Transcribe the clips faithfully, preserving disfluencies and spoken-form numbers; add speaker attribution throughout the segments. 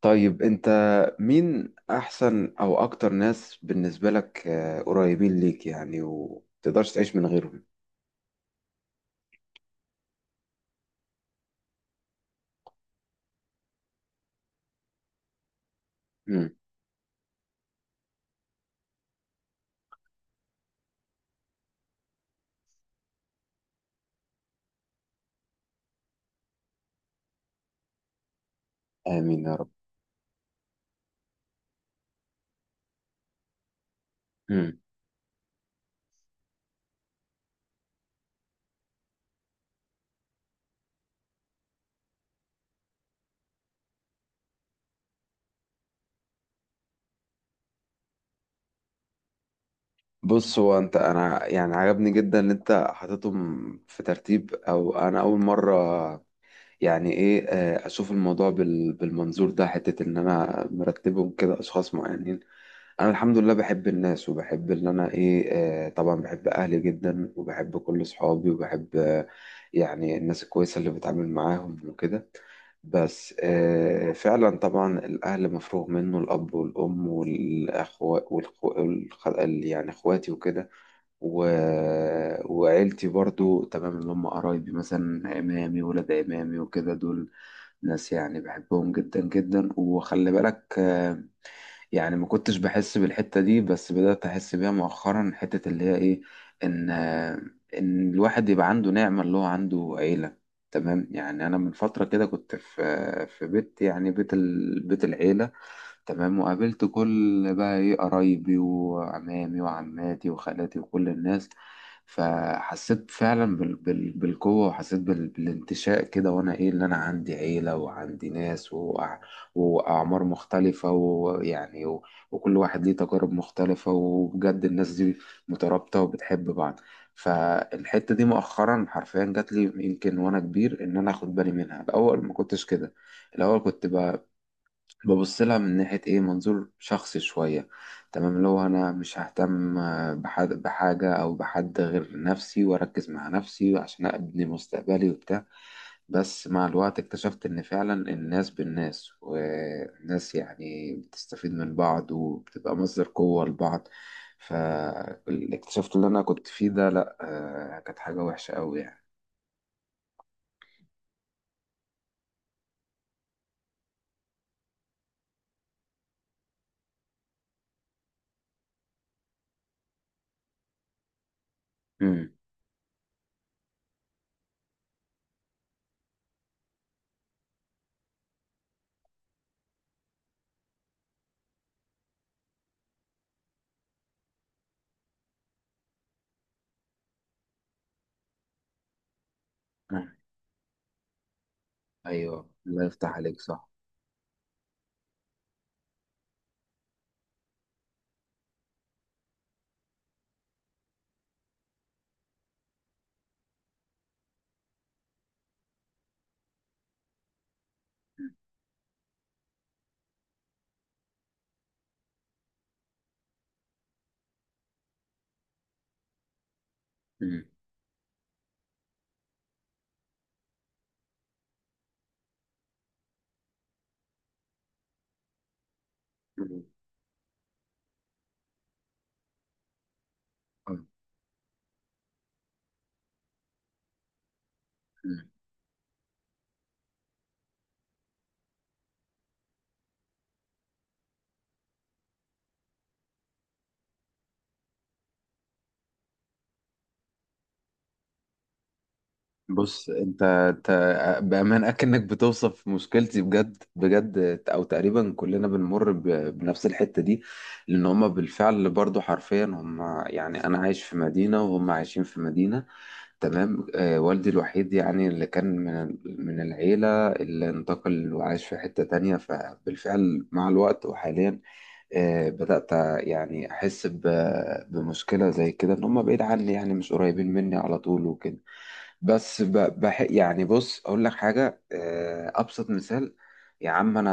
Speaker 1: طيب، انت مين احسن او اكتر ناس بالنسبة لك، آه، قريبين ليك يعني ومتقدرش تعيش من غيرهم؟ مم. امين يا رب. مم. بص، هو انت انا يعني عجبني جدا ان انت حاططهم في ترتيب، او انا اول مرة يعني ايه، آه، اشوف الموضوع بال- بالمنظور ده، حتة ان انا مرتبهم كده اشخاص معينين. انا الحمد لله بحب الناس، وبحب ان انا ايه. آه طبعا بحب اهلي جدا، وبحب كل اصحابي، وبحب آه يعني الناس الكويسه اللي بتعامل معاهم وكده. بس آه فعلا طبعا الاهل مفروغ منه، الاب والام والاخوات والخ... يعني اخواتي وكده و... وعيلتي برضو تمام، اللي هم قرايبي مثلا، عمامي ولاد عمامي وكده، دول ناس يعني بحبهم جدا جدا. وخلي بالك، آه، يعني ما كنتش بحس بالحتة دي، بس بدأت أحس بيها مؤخرا، حتة اللي هي إيه، إن إن الواحد يبقى عنده نعمة اللي هو عنده عيلة. تمام، يعني أنا من فترة كده كنت في في بيت، يعني بيت ال... بيت العيلة. تمام، وقابلت كل بقى ايه قرايبي وعمامي وعماتي وخالاتي وكل الناس. فحسيت فعلا بال بال بالقوة، وحسيت بال بالانتشاء كده، وانا ايه اللي انا عندي عيلة وعندي ناس وأع واعمار مختلفة، ويعني و- وكل واحد ليه تجارب مختلفة، وبجد الناس دي مترابطة وبتحب بعض. فالحتة دي مؤخرا حرفيا جات لي يمكن وانا كبير، ان انا اخد بالي منها، الاول ما كنتش كده. الاول كنت ب- ببص لها من ناحية إيه، منظور شخصي شوية. تمام، اللي هو أنا مش ههتم، آه، بحد بحاجة أو بحد غير نفسي، وأركز مع نفسي عشان أبني مستقبلي وبتاع. بس مع الوقت اكتشفت إن فعلا الناس بالناس، والناس يعني بتستفيد من بعض وبتبقى مصدر قوة لبعض. فاكتشفت اللي أنا كنت فيه ده لأ، آه، كانت حاجة وحشة أوي يعني. مم. مم. أيوه، الله يفتح عليك، صح. مم. مم. مم. بص، انت انت بأمانة اكنك بتوصف مشكلتي بجد بجد، او تقريبا كلنا بنمر ب- بنفس الحتة دي. لان هما بالفعل برضو حرفيا هما، يعني انا عايش في مدينة وهم عايشين في مدينة. تمام، آه والدي الوحيد يعني اللي كان من ال- من العيلة، اللي انتقل وعايش في حتة تانية، فبالفعل مع الوقت وحاليا آه بدأت يعني احس ب- بمشكلة زي كده، ان هما بعيد عني، يعني مش قريبين مني على طول وكده. بس ب- بح يعني، بص اقول لك حاجه، آه، ابسط مثال. يا عم، انا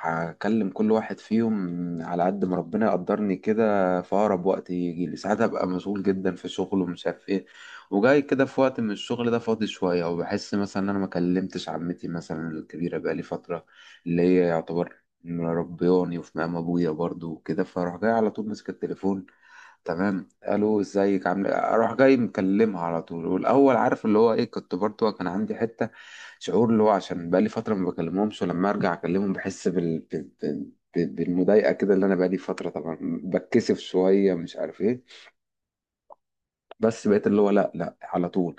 Speaker 1: هكلم كل واحد فيهم على قد ما ربنا يقدرني كده في اقرب وقت. يجي لي ساعات ابقى مسؤول جدا في شغل ومش عارف ايه، وجاي كده في وقت من الشغل ده فاضي شويه، وبحس مثلا ان انا ما كلمتش عمتي مثلا الكبيره بقالي فتره، اللي هي يعتبر مربياني وفي مقام ابويا برضو وكده، فاروح جاي على طول ماسك التليفون. تمام، الو ازيك عامل إيه؟ اروح جاي مكلمها على طول، والاول عارف اللي هو ايه، كنت برضو كان عندي حته شعور اللي هو عشان بقالي فتره ما بكلمهمش، ولما ارجع اكلمهم بحس بال... بال... بال... بالمضايقه كده، اللي انا بقالي فتره طبعا بتكسف شويه مش عارف ايه. بس بقيت اللي هو لا لا، على طول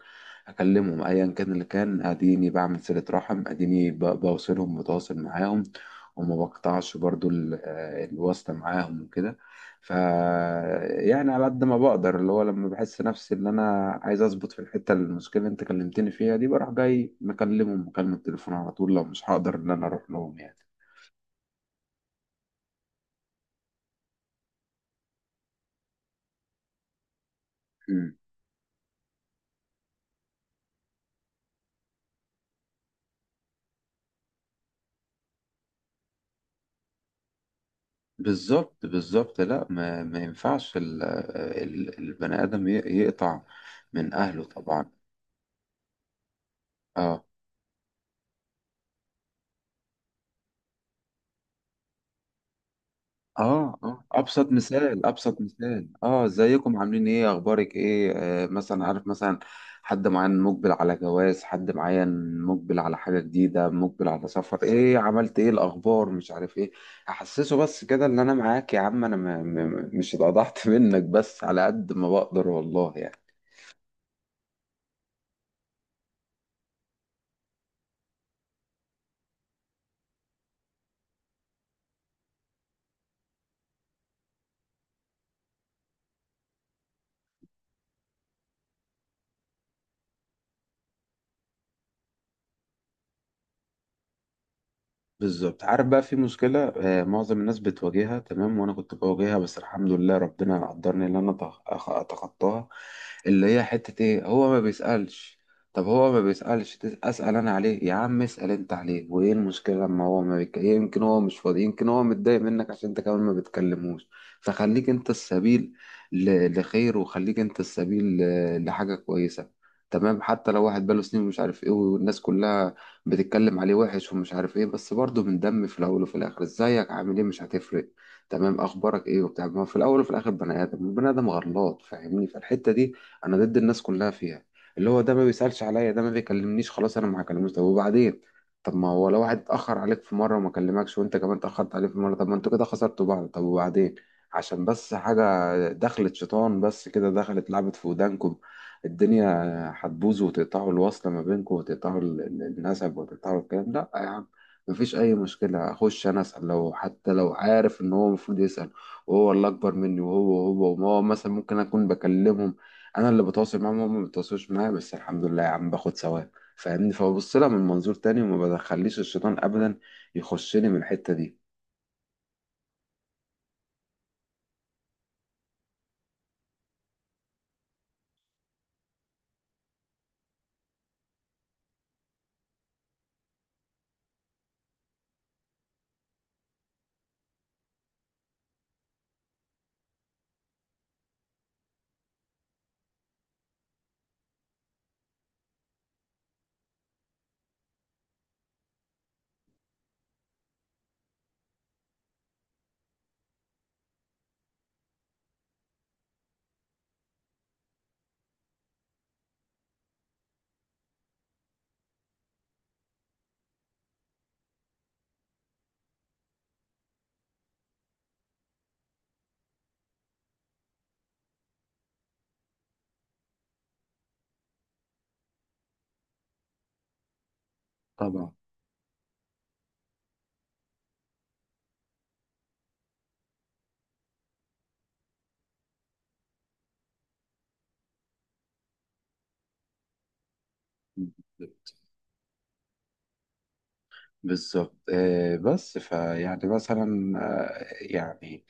Speaker 1: اكلمهم ايا كان اللي كان، اديني بعمل صلة رحم، اديني ب- بوصلهم بتواصل معاهم، وما بقطعش برضو ال- آه، الواسطة معاهم وكده. ف يعني، على قد ما بقدر اللي هو لما بحس نفسي ان انا عايز اظبط في الحتة، المشكلة اللي انت كلمتني فيها دي، بروح جاي مكلمهم مكالمة تليفون على طول، لو مش هقدر ان انا اروح لهم يعني. مم. بالظبط بالظبط، لا ما, ما ينفعش ال- آه، ال- البني آدم ي- يقطع من أهله طبعا. اه اه اه ابسط مثال، ابسط مثال، اه ازيكم عاملين ايه، اخبارك ايه، آه مثلا عارف، مثلا حد معين مقبل على جواز، حد معين مقبل على حاجه جديده، مقبل على سفر، ايه عملت، ايه الاخبار، مش عارف ايه. احسسه بس كده ان انا معاك يا عم، انا م م مش اتقضحت منك، بس على قد ما بقدر والله يعني. بالظبط، عارف بقى في مشكلة، آه، معظم الناس بتواجهها تمام، وأنا كنت بواجهها، بس الحمد لله ربنا قدرني إن أنا أتخ- أخ- أتخطاها. اللي هي حتة إيه، هو ما بيسألش. طب هو ما بيسألش، تس- أسأل أنا عليه، يا عم اسأل أنت عليه، وإيه المشكلة لما هو ما بيك... يمكن هو مش فاضي، يمكن هو متضايق منك عشان أنت كمان ما بتكلموش. فخليك أنت السبيل ل... لخير، وخليك أنت السبيل ل... لحاجة كويسة. تمام، حتى لو واحد بقاله سنين ومش عارف إيه، والناس كلها بتتكلم عليه وحش ومش عارف ايه، بس برضه من دم، في الاول وفي الاخر ازيك عامل ايه مش هتفرق. تمام، اخبارك ايه وبتاع، ما هو في الاول وفي الاخر بني ادم، البني ادم غلط، فاهمني، فالحته دي انا ضد الناس كلها فيها. اللي هو ده ما بيسالش عليا، ده ما بيكلمنيش خلاص انا ما هكلموش، طب وبعدين؟ طب ما هو لو واحد اتاخر عليك في مره وما كلمكش، وانت كمان اتاخرت عليه في مره، طب ما انتوا كده خسرتوا بعض، طب وبعدين؟ عشان بس حاجه دخلت شيطان بس كده، دخلت لعبت في ودانكم، الدنيا هتبوظوا وتقطعوا الوصلة ما بينكم، وتقطعوا ال- ال- النسب، وتقطعوا الكلام، لا يا عم. مفيش أي مشكلة، أخش أنا أسأل، لو حتى لو عارف إن هو المفروض يسأل وهو اللي أكبر مني، وهو وهو وهو مثلا ممكن أكون بكلمهم، أنا اللي بتواصل معاهم، هم ما بيتواصلوش معايا، بس الحمد لله يا عم باخد ثواب فاهمني، فببص لها من منظور تاني، وما بدخليش الشيطان أبدا يخشني من الحتة دي. طبعا. بالظبط، آه، بس فيعني مثلا، آه، يعني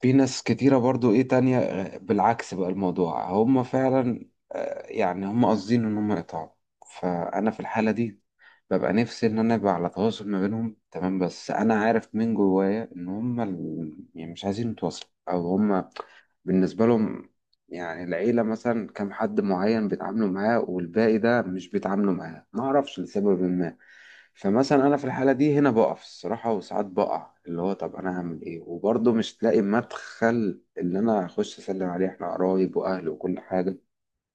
Speaker 1: في ناس كتيرة برضو ايه تانية، آه، بالعكس بقى الموضوع هم فعلا آه، يعني هم قاصدين ان هم يقطعوا. فانا في الحالة دي ببقى نفسي ان انا ابقى على تواصل ما بينهم، تمام، بس انا عارف من جوايا ان هم ال- يعني مش عايزين يتواصلوا، او هم بالنسبة لهم، يعني العيلة مثلا كام حد معين بيتعاملوا معاه، والباقي ده مش بيتعاملوا معاه، ما اعرفش لسبب ما. فمثلا انا في الحاله دي هنا بقف الصراحه، وساعات بقع اللي هو طب انا هعمل ايه، وبرضه مش تلاقي مدخل اللي انا اخش اسلم عليه، احنا قرايب واهل وكل حاجه.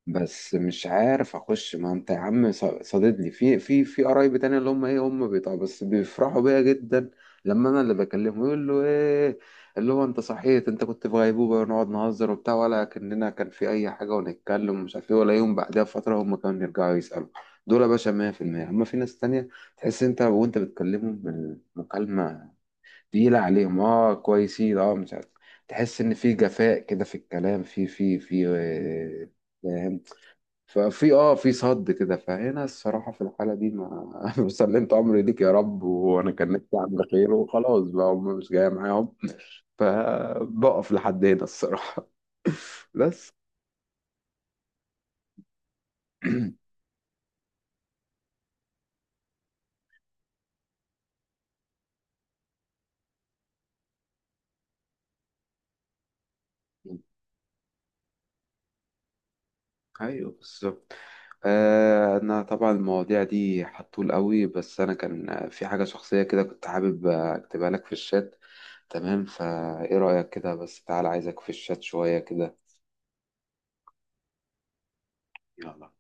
Speaker 1: بس مش عارف اخش، ما انت يا عم ص- صاددني، في في في قرايب تانية اللي هم ايه، هم بيطلعوا بس بيفرحوا بيا جدا لما انا اللي بكلمه، يقول له ايه اللي هو انت صحيت، انت كنت في غيبوبه، ونقعد نهزر وبتاع ولا كاننا كان في اي حاجه، ونتكلم ومش عارف ايه، ولا يوم بعدها بفتره هم كانوا يرجعوا يسالوا. دول يا باشا مية في المية. اما في ناس تانية تحس انت وانت بتكلمهم المكالمه تقيله عليهم، اه كويسين، اه مش عارف، تحس ان في جفاء كده في الكلام في في في آه، ففي اه في صد كده. فهنا الصراحة في الحالة دي، ما سلمت أمري ليك يا رب، وأنا كان نفسي أعمل خير، وخلاص بقى هم مش جاية معاهم. فبقف لحد هنا الصراحة. بس. ايوه بالظبط. آه انا طبعا المواضيع دي حطول قوي، بس انا كان في حاجه شخصيه كده كنت حابب اكتبها لك في الشات. تمام، فايه رايك كده، بس تعال عايزك في الشات شويه كده. يلا.